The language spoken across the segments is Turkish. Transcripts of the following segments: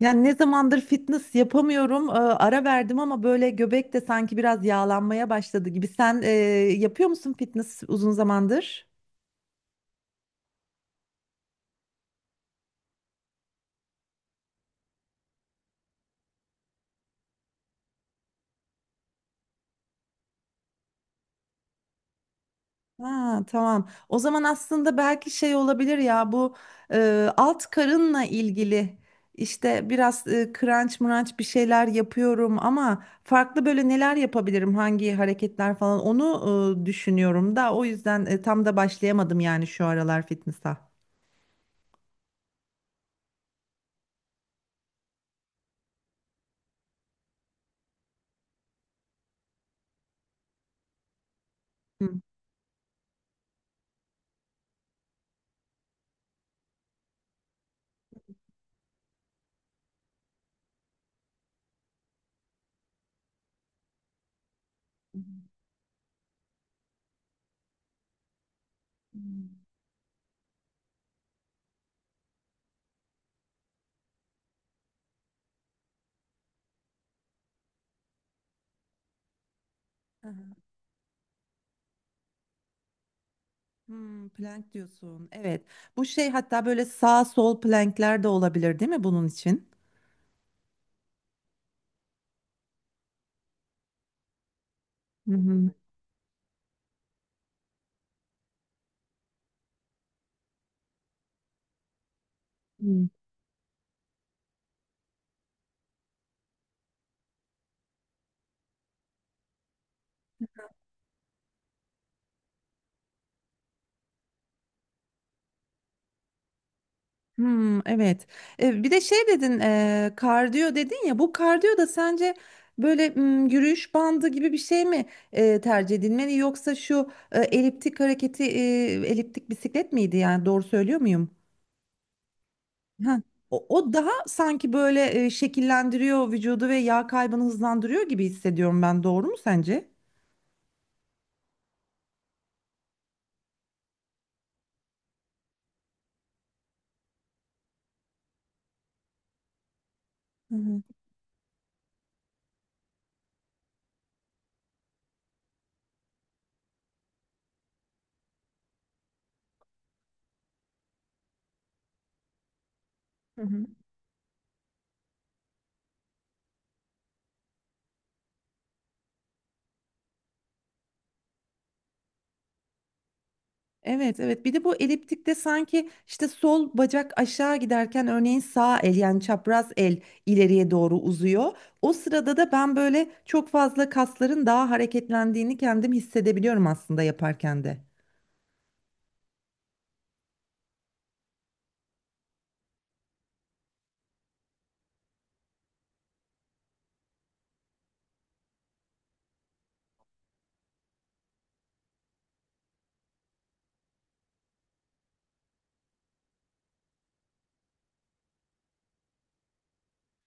Yani ne zamandır fitness yapamıyorum. Ara verdim ama böyle göbek de sanki biraz yağlanmaya başladı gibi. Sen yapıyor musun fitness uzun zamandır? Ha, tamam. O zaman aslında belki şey olabilir ya bu alt karınla ilgili işte biraz crunch mrunch bir şeyler yapıyorum ama farklı böyle neler yapabilirim hangi hareketler falan onu düşünüyorum da o yüzden tam da başlayamadım yani şu aralar fitness'a. Hmm. Hmm. Aha. Plank diyorsun. Evet. Bu şey hatta böyle sağ sol plankler de olabilir değil mi bunun için? Hı hı. Hmm, evet. Bir de şey dedin, kardiyo dedin ya. Bu kardiyo da sence böyle yürüyüş bandı gibi bir şey mi tercih edilmeli yoksa şu eliptik hareketi, eliptik bisiklet miydi yani doğru söylüyor muyum? Ha. O daha sanki böyle şekillendiriyor vücudu ve yağ kaybını hızlandırıyor gibi hissediyorum ben. Doğru mu sence? Hı hı. Hı hı. Evet, evet, bir de bu eliptikte sanki işte sol bacak aşağı giderken örneğin sağ el yani çapraz el ileriye doğru uzuyor. O sırada da ben böyle çok fazla kasların daha hareketlendiğini kendim hissedebiliyorum aslında yaparken de.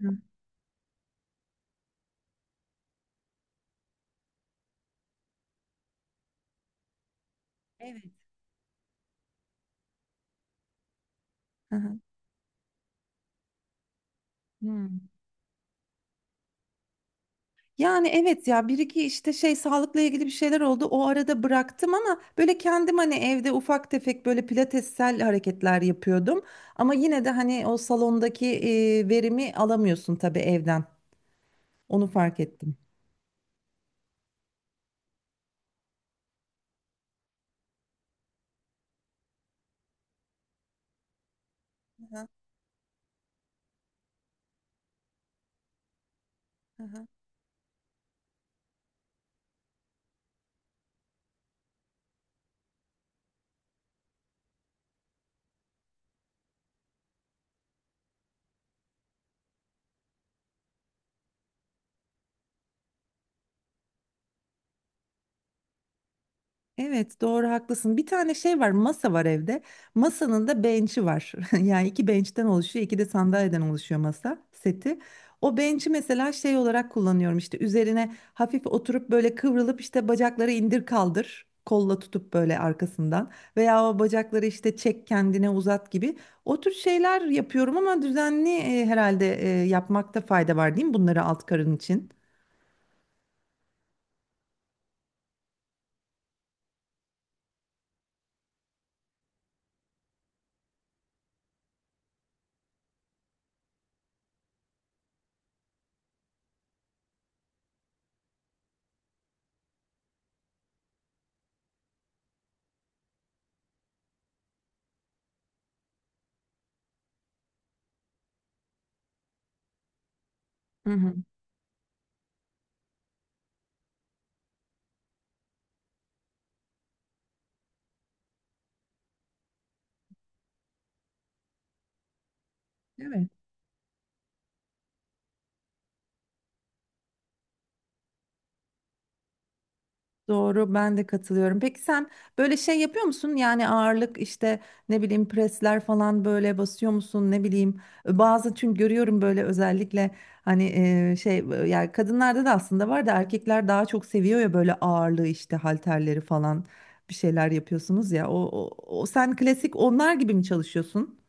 Hı. Evet. Hı hı. Hmm. Yani evet ya bir iki işte şey sağlıkla ilgili bir şeyler oldu. O arada bıraktım ama böyle kendim hani evde ufak tefek böyle pilatessel hareketler yapıyordum. Ama yine de hani o salondaki verimi alamıyorsun tabii evden. Onu fark ettim. Aha, aha. Evet, doğru haklısın. Bir tane şey var, masa var evde. Masanın da bench'i var. Yani iki bench'ten oluşuyor, iki de sandalyeden oluşuyor masa seti. O bench'i mesela şey olarak kullanıyorum işte üzerine hafif oturup böyle kıvrılıp işte bacakları indir kaldır. Kolla tutup böyle arkasından veya o bacakları işte çek kendine uzat gibi o tür şeyler yapıyorum ama düzenli herhalde yapmakta fayda var değil mi bunları alt karın için? Hı hı. Evet. Doğru, ben de katılıyorum. Peki sen böyle şey yapıyor musun? Yani ağırlık işte ne bileyim presler falan böyle basıyor musun? Ne bileyim, bazı çünkü görüyorum böyle özellikle hani yani kadınlarda da aslında var da erkekler daha çok seviyor ya böyle ağırlığı işte halterleri falan bir şeyler yapıyorsunuz ya. O sen klasik onlar gibi mi çalışıyorsun?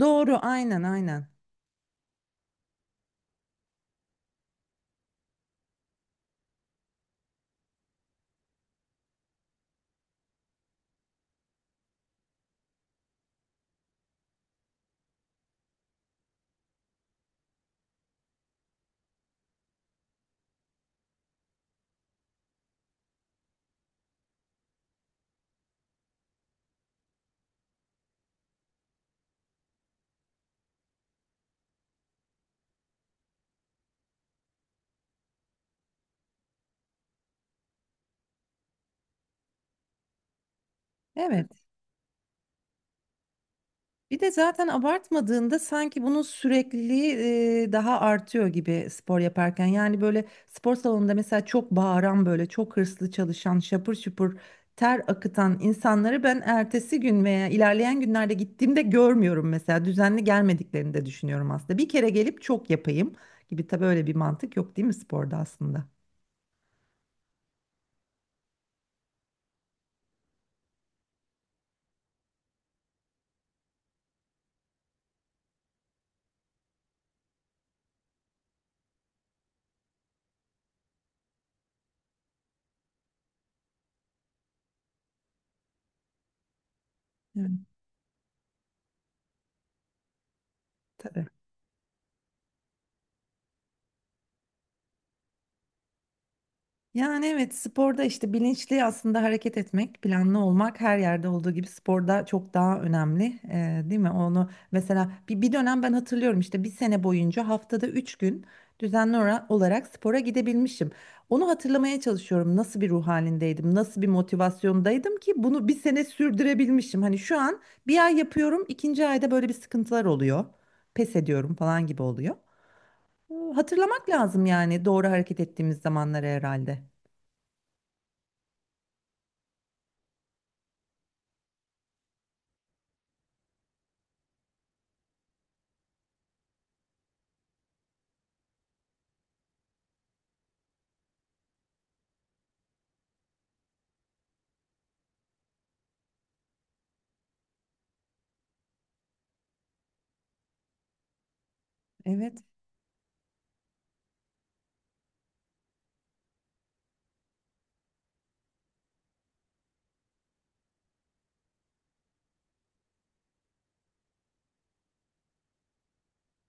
Doğru, aynen aynen. Evet. Bir de zaten abartmadığında sanki bunun sürekliliği daha artıyor gibi spor yaparken. Yani böyle spor salonunda mesela çok bağıran böyle çok hırslı çalışan şapır şupur ter akıtan insanları ben ertesi gün veya ilerleyen günlerde gittiğimde görmüyorum mesela. Düzenli gelmediklerini de düşünüyorum aslında. Bir kere gelip çok yapayım gibi, tabii öyle bir mantık yok değil mi sporda aslında? Evet. Yani evet, sporda işte bilinçli aslında hareket etmek, planlı olmak her yerde olduğu gibi sporda çok daha önemli, değil mi? Onu mesela bir dönem ben hatırlıyorum işte bir sene boyunca haftada 3 gün düzenli olarak spora gidebilmişim. Onu hatırlamaya çalışıyorum, nasıl bir ruh halindeydim, nasıl bir motivasyondaydım ki bunu bir sene sürdürebilmişim. Hani şu an bir ay yapıyorum, ikinci ayda böyle bir sıkıntılar oluyor, pes ediyorum falan gibi oluyor. Hatırlamak lazım yani doğru hareket ettiğimiz zamanları herhalde. Evet,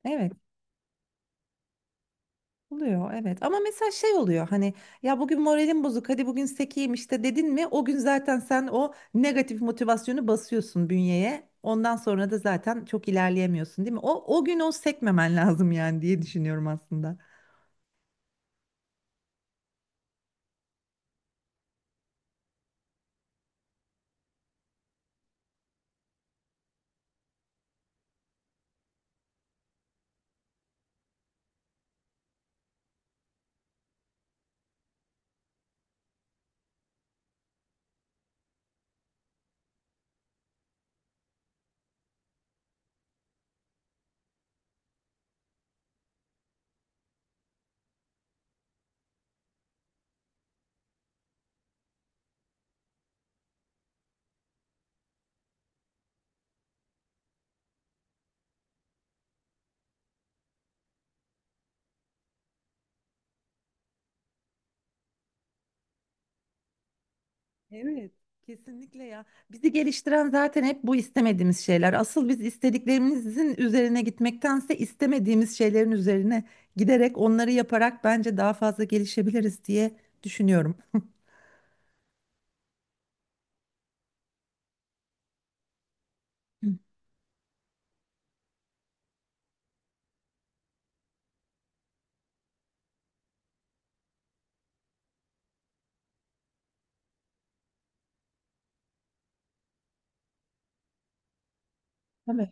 evet oluyor, evet. Ama mesela şey oluyor hani, ya bugün moralim bozuk, hadi bugün sekeyim işte dedin mi? O gün zaten sen o negatif motivasyonu basıyorsun bünyeye. Ondan sonra da zaten çok ilerleyemiyorsun, değil mi? O gün o sekmemen lazım yani diye düşünüyorum aslında. Evet. Kesinlikle ya. Bizi geliştiren zaten hep bu istemediğimiz şeyler. Asıl biz istediklerimizin üzerine gitmektense istemediğimiz şeylerin üzerine giderek onları yaparak bence daha fazla gelişebiliriz diye düşünüyorum. Hı. Tabii.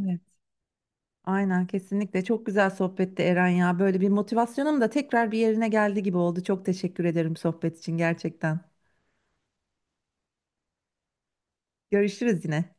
Evet. Aynen kesinlikle. Çok güzel sohbetti Eren ya. Böyle bir motivasyonum da tekrar bir yerine geldi gibi oldu. Çok teşekkür ederim sohbet için gerçekten. Görüşürüz yine.